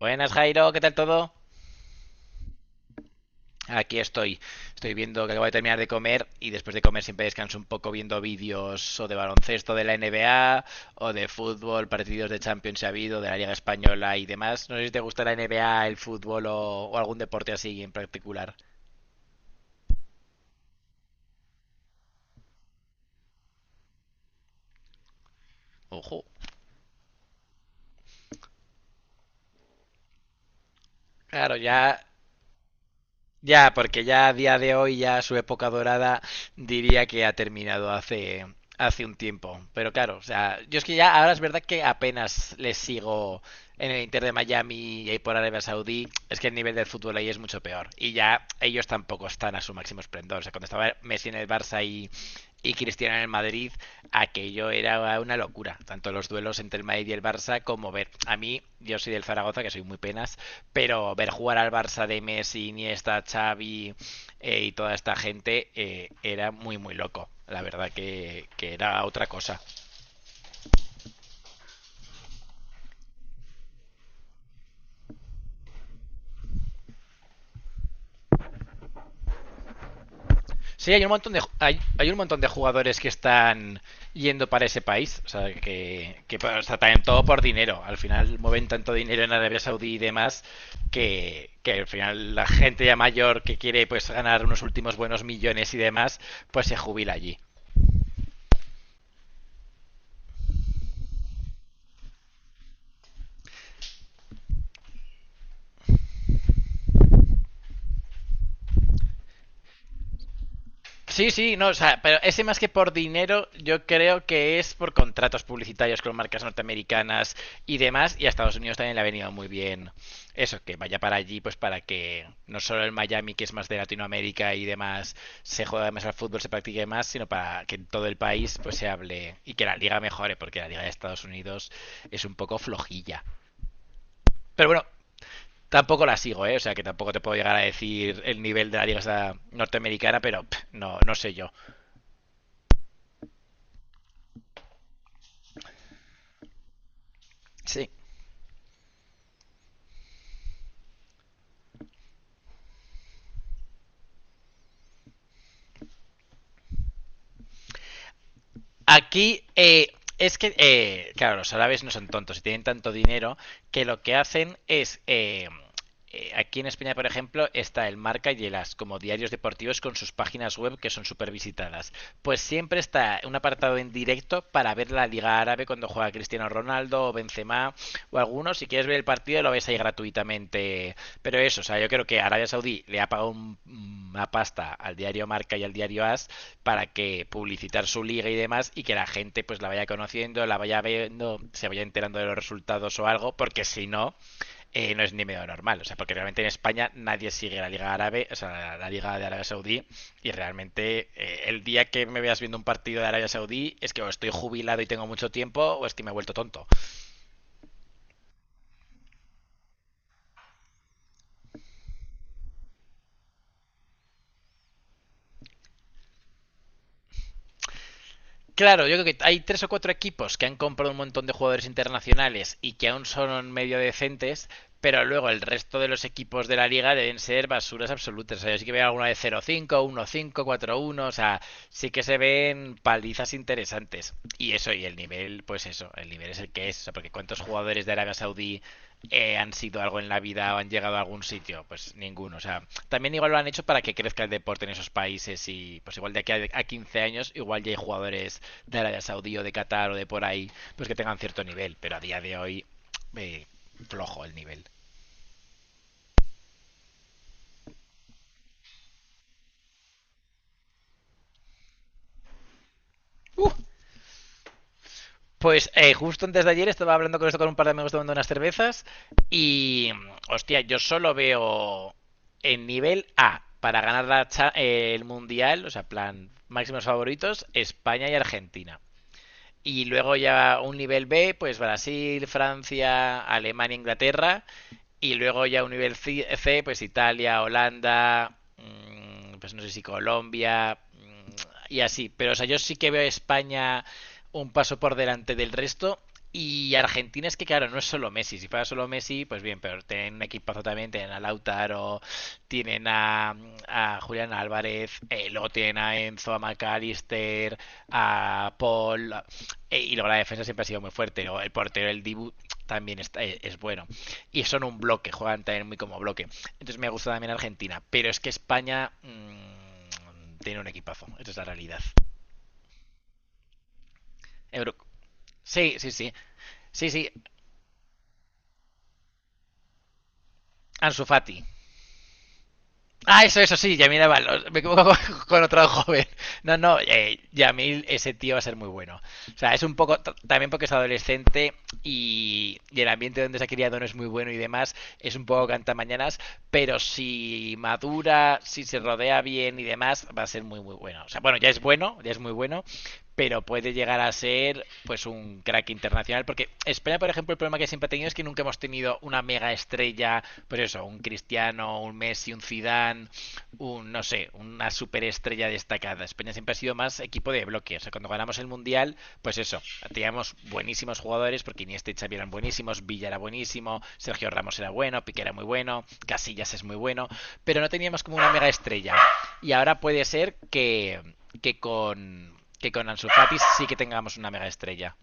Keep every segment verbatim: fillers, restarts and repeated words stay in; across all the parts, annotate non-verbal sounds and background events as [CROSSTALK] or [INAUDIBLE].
Buenas Jairo, ¿qué tal todo? Aquí estoy. Estoy viendo que acabo de terminar de comer y después de comer siempre descanso un poco viendo vídeos o de baloncesto de la N B A o de fútbol, partidos de Champions si ha habido, de la Liga Española y demás. No sé si te gusta la N B A, el fútbol o, o algún deporte así en particular. Ojo. Claro, ya. Ya, porque ya a día de hoy, ya su época dorada diría que ha terminado hace, hace un tiempo. Pero claro, o sea, yo es que ya ahora es verdad que apenas les sigo en el Inter de Miami y ahí por Arabia Saudí. Es que el nivel del fútbol ahí es mucho peor. Y ya ellos tampoco están a su máximo esplendor. O sea, cuando estaba Messi en el Barça y y Cristiano en el Madrid, aquello era una locura. Tanto los duelos entre el Madrid y el Barça como ver. A mí, yo soy del Zaragoza, que soy muy penas, pero ver jugar al Barça de Messi, Iniesta, Xavi eh, y toda esta gente eh, era muy, muy loco. La verdad que, que era otra cosa. Sí, hay un montón de hay, hay un montón de jugadores que están yendo para ese país, o sea, que, que o sea, también todo por dinero. Al final mueven tanto dinero en Arabia Saudí y demás que, que al final la gente ya mayor que quiere pues ganar unos últimos buenos millones y demás, pues se jubila allí. Sí, sí, no, o sea, pero ese más que por dinero, yo creo que es por contratos publicitarios con marcas norteamericanas y demás, y a Estados Unidos también le ha venido muy bien eso, que vaya para allí, pues para que no solo el Miami, que es más de Latinoamérica y demás, se juega más al fútbol, se practique más, sino para que en todo el país pues se hable y que la liga mejore, porque la liga de Estados Unidos es un poco flojilla. Pero bueno, tampoco la sigo, ¿eh? O sea, que tampoco te puedo llegar a decir el nivel de la liga esa norteamericana, pero pff, no, no sé yo. Sí. Aquí eh, es que, eh, claro, los árabes no son tontos y tienen tanto dinero que lo que hacen es... eh, eh, aquí en España, por ejemplo, está el Marca y el As como diarios deportivos con sus páginas web que son súper visitadas. Pues siempre está un apartado en directo para ver la Liga Árabe cuando juega Cristiano Ronaldo o Benzema o alguno. Si quieres ver el partido, lo ves ahí gratuitamente. Pero eso, o sea, yo creo que Arabia Saudí le ha pagado un- una pasta al diario Marca y al diario As para que publicitar su liga y demás y que la gente pues la vaya conociendo, la vaya viendo, se vaya enterando de los resultados o algo, porque si no, eh, no es ni medio normal. O sea, porque realmente en España nadie sigue la Liga Árabe, o sea, la, la Liga de Arabia Saudí, y realmente eh, el día que me veas viendo un partido de Arabia Saudí es que o estoy jubilado y tengo mucho tiempo, o es que me he vuelto tonto. Claro, yo creo que hay tres o cuatro equipos que han comprado un montón de jugadores internacionales y que aún son medio decentes, pero luego el resto de los equipos de la liga deben ser basuras absolutas. O sea, yo sí que veo alguna de cero cinco, uno cinco, cuatro uno, o sea, sí que se ven palizas interesantes. Y eso, y el nivel, pues eso, el nivel es el que es, o sea, porque cuántos jugadores de Arabia Saudí eh, han sido algo en la vida o han llegado a algún sitio, pues ninguno. O sea, también igual lo han hecho para que crezca el deporte en esos países y pues igual de aquí a, a quince años igual ya hay jugadores de Arabia Saudí o de Qatar o de por ahí, pues que tengan cierto nivel, pero a día de hoy eh, flojo el nivel. Uh, pues eh, justo antes de ayer estaba hablando con esto con un par de amigos tomando unas cervezas y hostia, yo solo veo en nivel A para ganar la cha- eh, el mundial, o sea, plan máximos favoritos, España y Argentina. Y luego ya un nivel B, pues Brasil, Francia, Alemania, Inglaterra. Y luego ya un nivel C, pues Italia, Holanda, mm, pues no sé si Colombia mm, y así. Pero o sea, yo sí que veo a España un paso por delante del resto. Y Argentina es que, claro, no es solo Messi. Si fuera solo Messi, pues bien, pero tienen un equipazo también. Tienen a Lautaro, tienen a, mm, a Julián Álvarez, eh, luego tienen a Enzo, a McAllister, a Paul. E- Y luego la defensa siempre ha sido muy fuerte. Luego el portero, el Dibu, también está- e- es bueno. Y son un bloque, juegan también muy como bloque. Entonces me gusta también Argentina. Pero es que España mm, tiene un equipazo. Esa es la realidad. Euro- Sí, sí, sí. Sí, sí. Ansu Fati. Ah, eso, eso sí, Yamil Aval. Me equivoco con, [LAUGHS] con otro joven. No, no, eh, Yamil, ese tío va a ser muy bueno. O sea, es un poco, t- también porque es adolescente y, y el ambiente donde se ha criado no es muy bueno y demás, es un poco cantamañanas, pero si madura, si se rodea bien y demás, va a ser muy, muy bueno. O sea, bueno, ya es bueno, ya es muy bueno, pero puede llegar a ser pues un crack internacional, porque España por ejemplo el problema que siempre ha tenido es que nunca hemos tenido una mega estrella, pues eso, un Cristiano, un Messi, un Zidane, un no sé, una superestrella destacada. España siempre ha sido más equipo de bloque, o sea, cuando ganamos el mundial, pues eso, teníamos buenísimos jugadores porque Iniesta y Xavi eran buenísimos, Villa era buenísimo, Sergio Ramos era bueno, Piqué era muy bueno, Casillas es muy bueno, pero no teníamos como una mega estrella, y ahora puede ser que que con que con Ansu Fati sí que tengamos una mega estrella.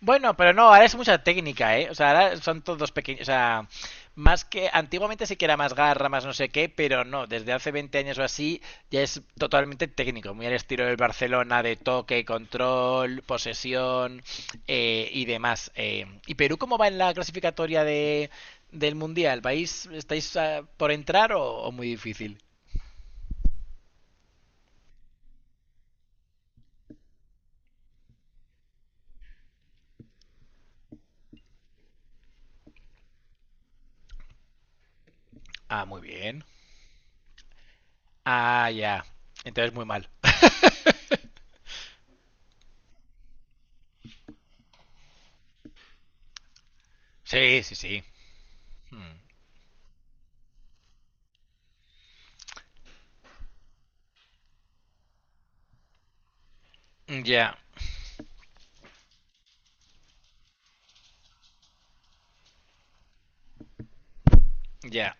Bueno, pero no, ahora es mucha técnica, ¿eh? O sea, ahora son todos pequeños, o sea, más que antiguamente sí que era más garra, más no sé qué, pero no, desde hace veinte años o así ya es totalmente técnico, muy al estilo del Barcelona de toque, control, posesión eh, y demás. eh. ¿Y Perú cómo va en la clasificatoria de, del Mundial? ¿Vais, estáis ah, por entrar o, o muy difícil? Ah, muy bien. Ah, ya. Entonces muy mal. Sí, sí, sí. Mm. Ya, ya.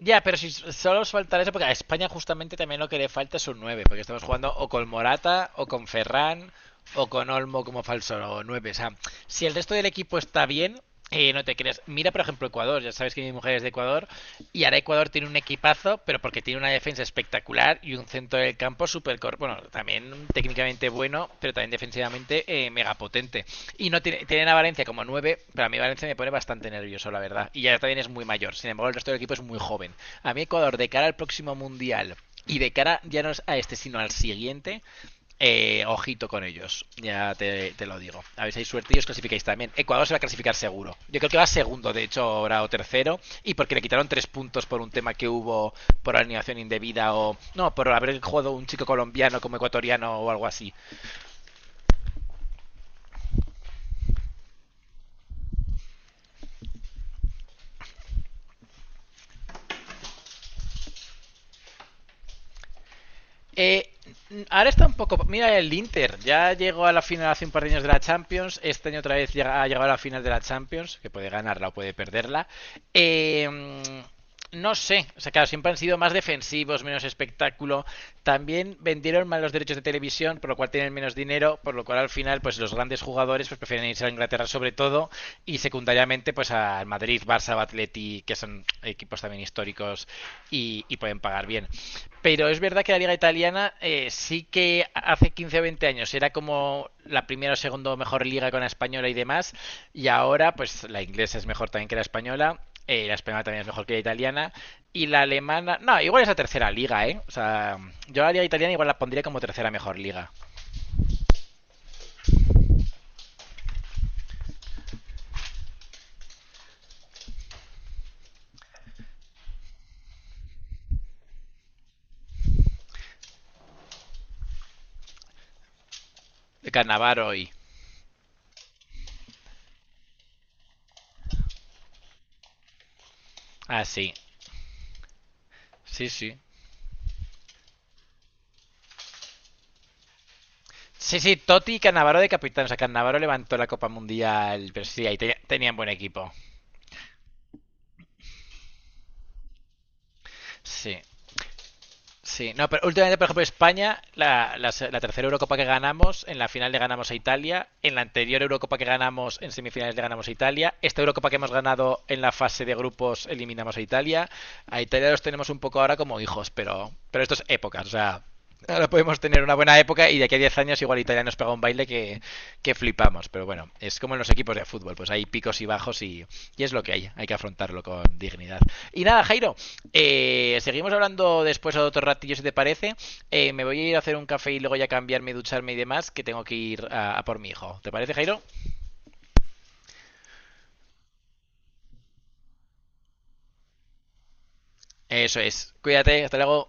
Ya, pero si solo os faltará eso, porque a España justamente también lo que le falta es un nueve, porque estamos jugando o con Morata, o con Ferran, o con Olmo como falso nueve. O sea, si el resto del equipo está bien, eh, no te creas. Mira, por ejemplo, Ecuador. Ya sabes que mi mujer es de Ecuador. Y ahora Ecuador tiene un equipazo, pero porque tiene una defensa espectacular y un centro del campo súper. cor- Bueno, también técnicamente bueno, pero también defensivamente eh, mega potente. Y no tiene- tienen a Valencia como nueve, pero a mí Valencia me pone bastante nervioso, la verdad. Y ya también es muy mayor. Sin embargo, el resto del equipo es muy joven. A mí Ecuador, de cara al próximo Mundial y de cara ya no es a este, sino al siguiente, eh, ojito con ellos. Ya te, te lo digo. A ver si hay suerte y os clasificáis también. Ecuador se va a clasificar seguro. Yo creo que va segundo, de hecho, ahora o tercero. Y porque le quitaron tres puntos por un tema que hubo por alineación indebida o... No, por haber jugado un chico colombiano como ecuatoriano o algo así. Eh, ahora está un poco. Mira el Inter, ya llegó a la final hace un par de años de la Champions. Este año otra vez llega- ha llegado a la final de la Champions, que puede ganarla o puede perderla. Eh, no sé, o sea, claro, siempre han sido más defensivos, menos espectáculo. También vendieron mal los derechos de televisión, por lo cual tienen menos dinero, por lo cual al final, pues los grandes jugadores pues, prefieren irse a Inglaterra sobre todo y secundariamente pues al Madrid, Barça, Atleti, que son equipos también históricos y, y, pueden pagar bien. Pero es verdad que la liga italiana eh, sí que hace quince o veinte años era como la primera o segunda mejor liga con la española y demás, y ahora pues la inglesa es mejor también que la española. Eh, la española también es mejor que la italiana. Y la alemana. No, igual es la tercera liga, ¿eh? O sea, yo la liga italiana igual la pondría como tercera mejor liga. Carnavaro y. Ah, sí. Sí, sí. Sí, sí, Totti y Cannavaro de capitán. O sea, Cannavaro levantó la Copa Mundial, pero sí, ahí te- tenían buen equipo. Sí. Sí, no, pero últimamente, por ejemplo, España, la, la, se- la tercera Eurocopa que ganamos, en la final le ganamos a Italia, en la anterior Eurocopa que ganamos, en semifinales le ganamos a Italia, esta Eurocopa que hemos ganado en la fase de grupos eliminamos a Italia, a Italia los tenemos un poco ahora como hijos, pero, pero esto es épocas, o sea, ahora podemos tener una buena época y de aquí a diez años igual Italia nos pega un baile que, que flipamos, pero bueno, es como en los equipos de fútbol, pues hay picos y bajos y, y es lo que hay, hay que afrontarlo con dignidad. Y nada, Jairo, eh, seguimos hablando después a otro ratillo, si te parece. Eh, me voy a ir a hacer un café y luego ya cambiarme, ducharme y demás, que tengo que ir a, a por mi hijo. ¿Te parece, Jairo? Eso es. Cuídate, hasta luego.